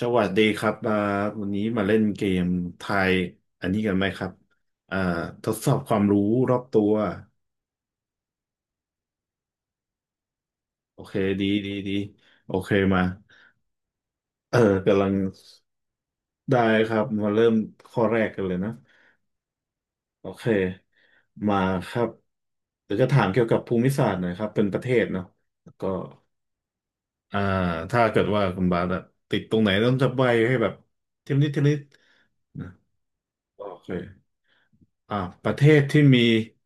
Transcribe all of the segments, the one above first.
สวัสดีครับมาวันนี้มาเล่นเกมทายอันนี้กันไหมครับอ่าทดสอบความรู้รอบตัวโอเคดีโอเคมาเออกำลังได้ครับมาเริ่มข้อแรกกันเลยนะโอเคมาครับเดี๋ยวจะถามเกี่ยวกับภูมิศาสตร์หน่อยครับเป็นประเทศเนาะแล้วก็อ่าถ้าเกิดว่าคุณบาสอะติดตรงไหนต้องจะใบให้แบบเทมนิดเทมนิดนะโอเค อ่าประเทศที่มี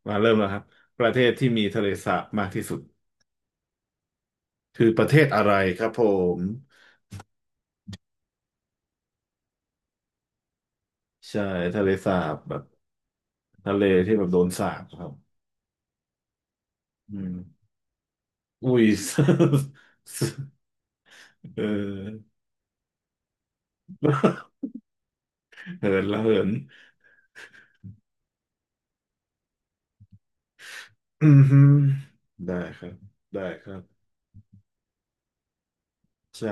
มาเริ่มแล้วครับประเทศที่มีทะเลสาบมากที่สุดคือประเทศอะไรครับมใช่ทะเลสาบแบบทะเลที่แบบโดนสาบครับอืมอุ้ย เออเหินละเหินอืมฮึได้ครับได้ครับใช่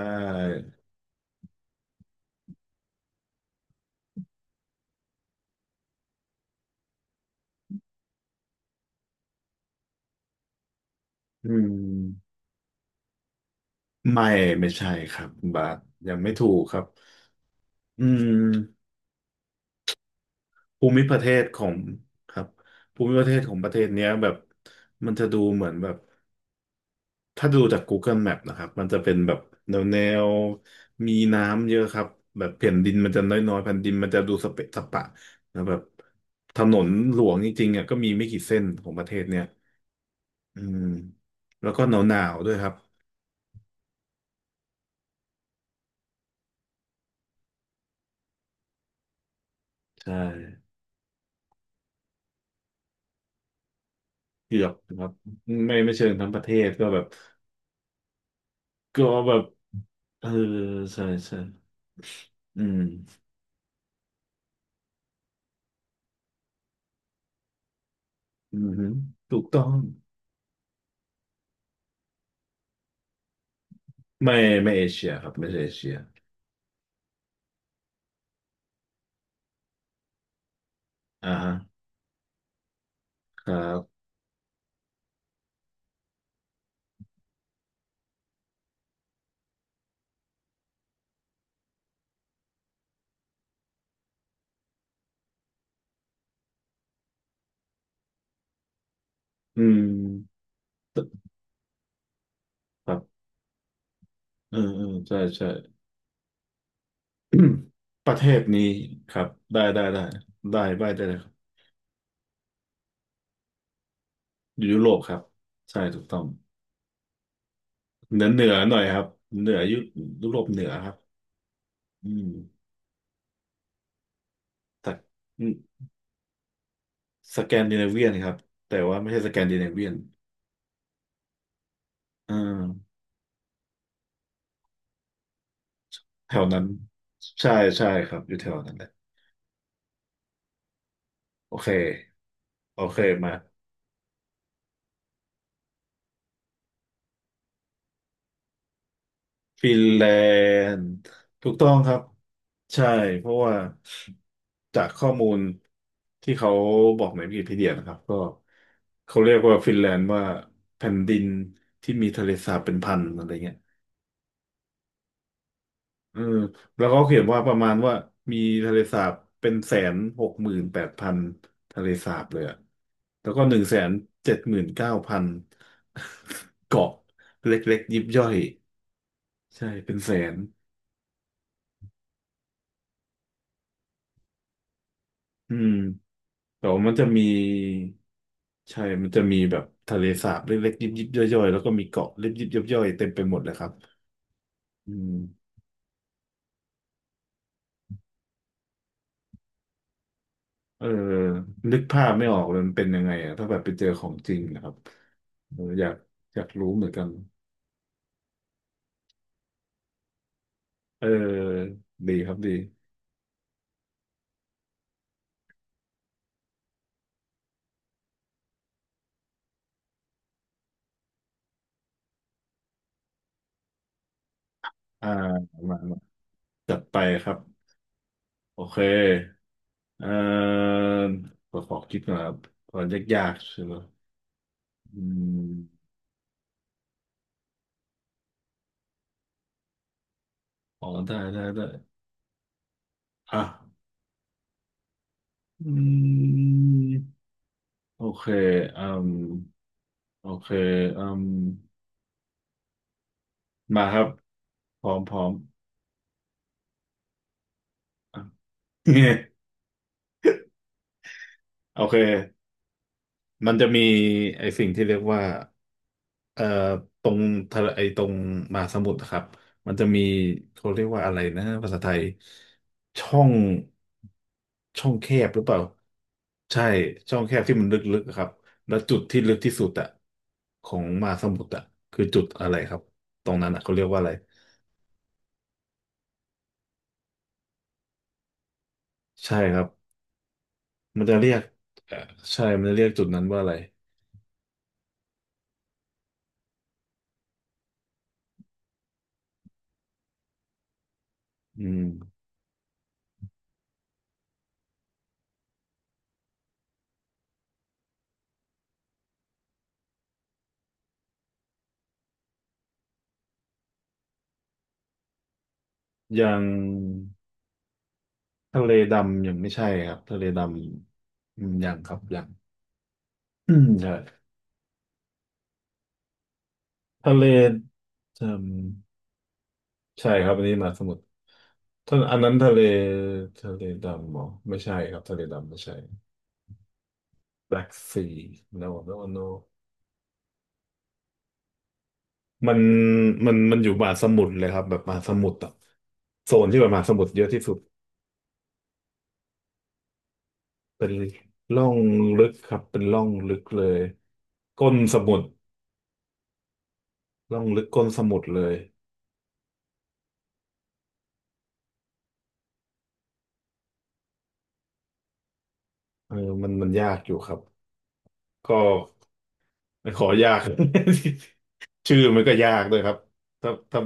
อืมไม่ไม่ใช่ครับบาทยังไม่ถูกครับอืม ภูมิประเทศของครับภูมิประเทศของประเทศเนี้ยแบบมันจะดูเหมือนแบบถ้าดูจาก Google Map นะครับมันจะเป็นแบบแนวแนวมีน้ำเยอะครับแบบแผ่นดินมันจะน้อยๆแผ่นดินมันจะดูสเปะสปะนะแบบถนนหลวงจริงๆอ่ะก็มีไม่กี่เส้นของประเทศเนี้ยอืมแล้วก็หนาวๆด้วยครับใช่เกือบครับไม่เชิงทั้งประเทศก็แบบก็แบบเออใช่อืมอืมฮึถูกต้อง ไม่ไม่เอเชียครับไม่ใช่เอเชียอ่าฮะครับอืมครับเออเออใช่ ประเทศนี้ครับได้ได้เลยครับอยู่ยุโรปครับใช่ถูกต้องเหนือเหนือหน่อยครับเหนือยุยุโรปเหนือครับอืมแต่อืมสแกนดิเนเวียนครับแต่ว่าไม่ใช่สแกนดิเนเวียนอ่าแถวนั้นใช่ใช่ครับอยู่แถวนั้นแหละโอเคโอเคมา ฟินแลนด์ถูกต้องครับใช่เพราะว่าจากข้อมูลที่เขาบอกในวิกิพีเดียนะครับก็เขาเรียกว่าฟินแลนด์ว่าแผ่นดินที่มีทะเลสาบเป็นพันอะไรเงี้ยเออแล้วเขาเขียนว่าประมาณว่ามีทะเลสาบเป็น168,000ทะเลสาบเลยอะแล้วก็179,000 เกาะเล็กๆยิบย่อยใช่เป็นแสนอืม แต่ว่ามันจะมีใช่มันจะมีแบบทะเลสาบเล็กๆ ยิบยิบย่อยๆ แล้วก็มีเกาะเล็กยิบยิบย่อยๆเต็มไปหมดเลยครับอืมเออนึกภาพไม่ออกเลยมันเป็นยังไงอะถ้าแบบไปเจอของจริงนะครับเอออยากรู้เหมือนกันเออดีครับดีอ่ามามาจัดไปครับ โอเคเออขอคิดก่อนครับก่อนยากๆ ใช่ไหมอืมอ๋อได้อ่ะ อืม โอเคอืมโอเคอืมมาครับ พร้อมพร้อม อ่ะ โอเคมันจะมีไอ้สิ่งที่เรียกว่าเอ่อตรงทะเลไอ้ตรงมหาสมุทรนะครับมันจะมีเขาเรียกว่าอะไรนะภาษาไทย ช่อง ช่องแคบหรือเปล่าใช่ช่องแคบที่มันลึกๆอะครับแล้วจุดที่ลึกที่สุดอะของมหาสมุทรอะคือจุดอะไรครับตรงนั้นอะเขาเรียกว่าอะไรใช่ครับ มันจะเรียกเอ่อใช่มันจะเรียกจุดนั้นว่าอะไรอืมอย่างทะเลดำยังไม่ใช่ครับทะเลดำอืมยังครับยังอืมใช่ทะเลเอืมใช่ครับอันนี้มหาสมุทรท่านอันนั้นทะเลทะเลดำเหรอไม่ใช่ครับทะเลดำไม่ใช่ Black Sea no no no มันมันมันอยู่มหาสมุทรเลยครับแบบมหาสมุทรอะโซนที่แบบมหาสมุทรเยอะที่สุด เป็นร่องลึกครับเป็นร่องลึกเลยก้นสมุทรร่องลึกก้นสมุทรเลยเออมันมันยากอยู่ครับก็ขอยาก ชื่อมันก็ยากด้วยครับถ้า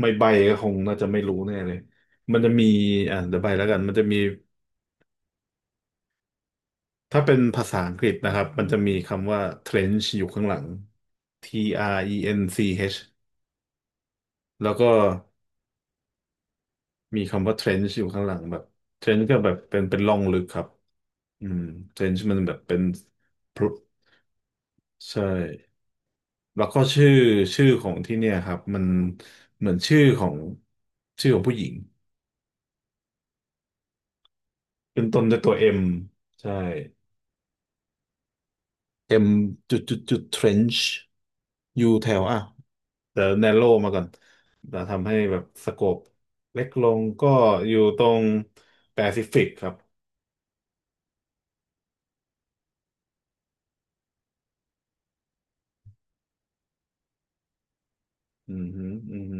ไม่ใบก็คงน่าจะไม่รู้แน่เลยมันจะมีเดี๋ยวใบแล้วกันมันจะมีถ้าเป็นภาษาอังกฤษนะครับมันจะมีคำว่า trench อยู่ข้างหลัง TRENCH แล้วก็ มีคำว่า trench อยู่ข้างหลังแบบ trench ก็แบบเป็นร่องลึกครับอืม trench มันแบบเป็นพรุใช่แล้วก็ชื่อชื่อของที่เนี่ยครับมันเหมือนชื่อของชื่อของผู้หญิงเป็นต้นด้วยตัว M ใช่ M จุดจุดจุด trench อยู่แถวอ่ะเดี๋ยว narrow มาก่อนจะทำให้แบบสโคปเล็กลงก็อยู่ตรงแปซิฟิกครับอืมฮึอืมฮึ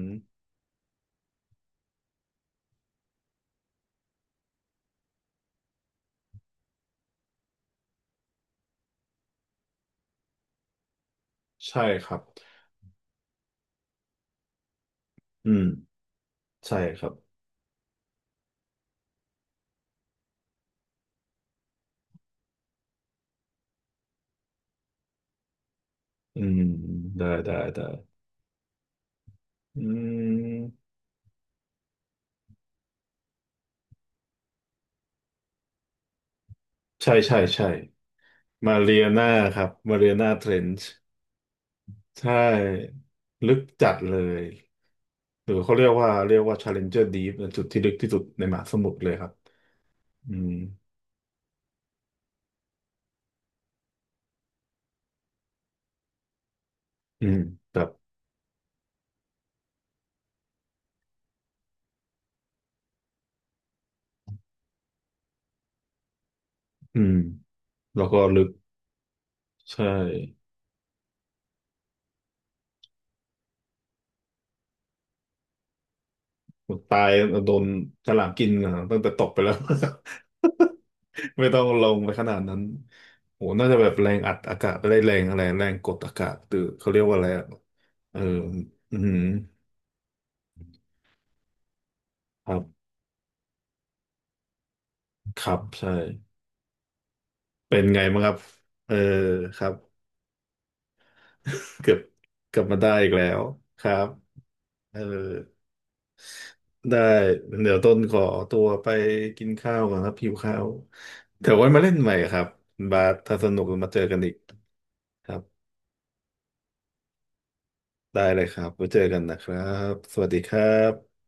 ใช่ครับอืม ใช่ครับอืมได้อืมใช่มาเรียนาครับมาเรียนาเทรนช์ใช่ ลึกจัดเลย หรือเขาเรียกว่าเรียกว่า Challenger Deep นะจุดที่ลึกที่สุดในมหาสมุทรเลยครับ อืมอืมแบบอืมแล้วก็ลึก ใช่ ตายโดนฉลามกินอ่ะตั้งแต่ตกไปแล้ว ไม่ต้องลงไปขนาดนั้นโหน่าจะแบบแรงอัดอากาศได้แรงอะไรแรงกดอากาศตือเขาเรียกว่าอะไรอะเอออืมครับครับใช่เป็นไงบ้างครับเออครับ เกือบเกลับมาได้อีกแล้วครับเออได้เดี๋ยวต้นขอตัวไปกินข้าวก่อนครับหิวข้าวเดี๋ยวไว้มาเล่นใหม่ครับบาสถ้าสนุกมาเจอกันอีกครับ ได้เลยครับไว้เจอกันนะครับ สวัสดีครับ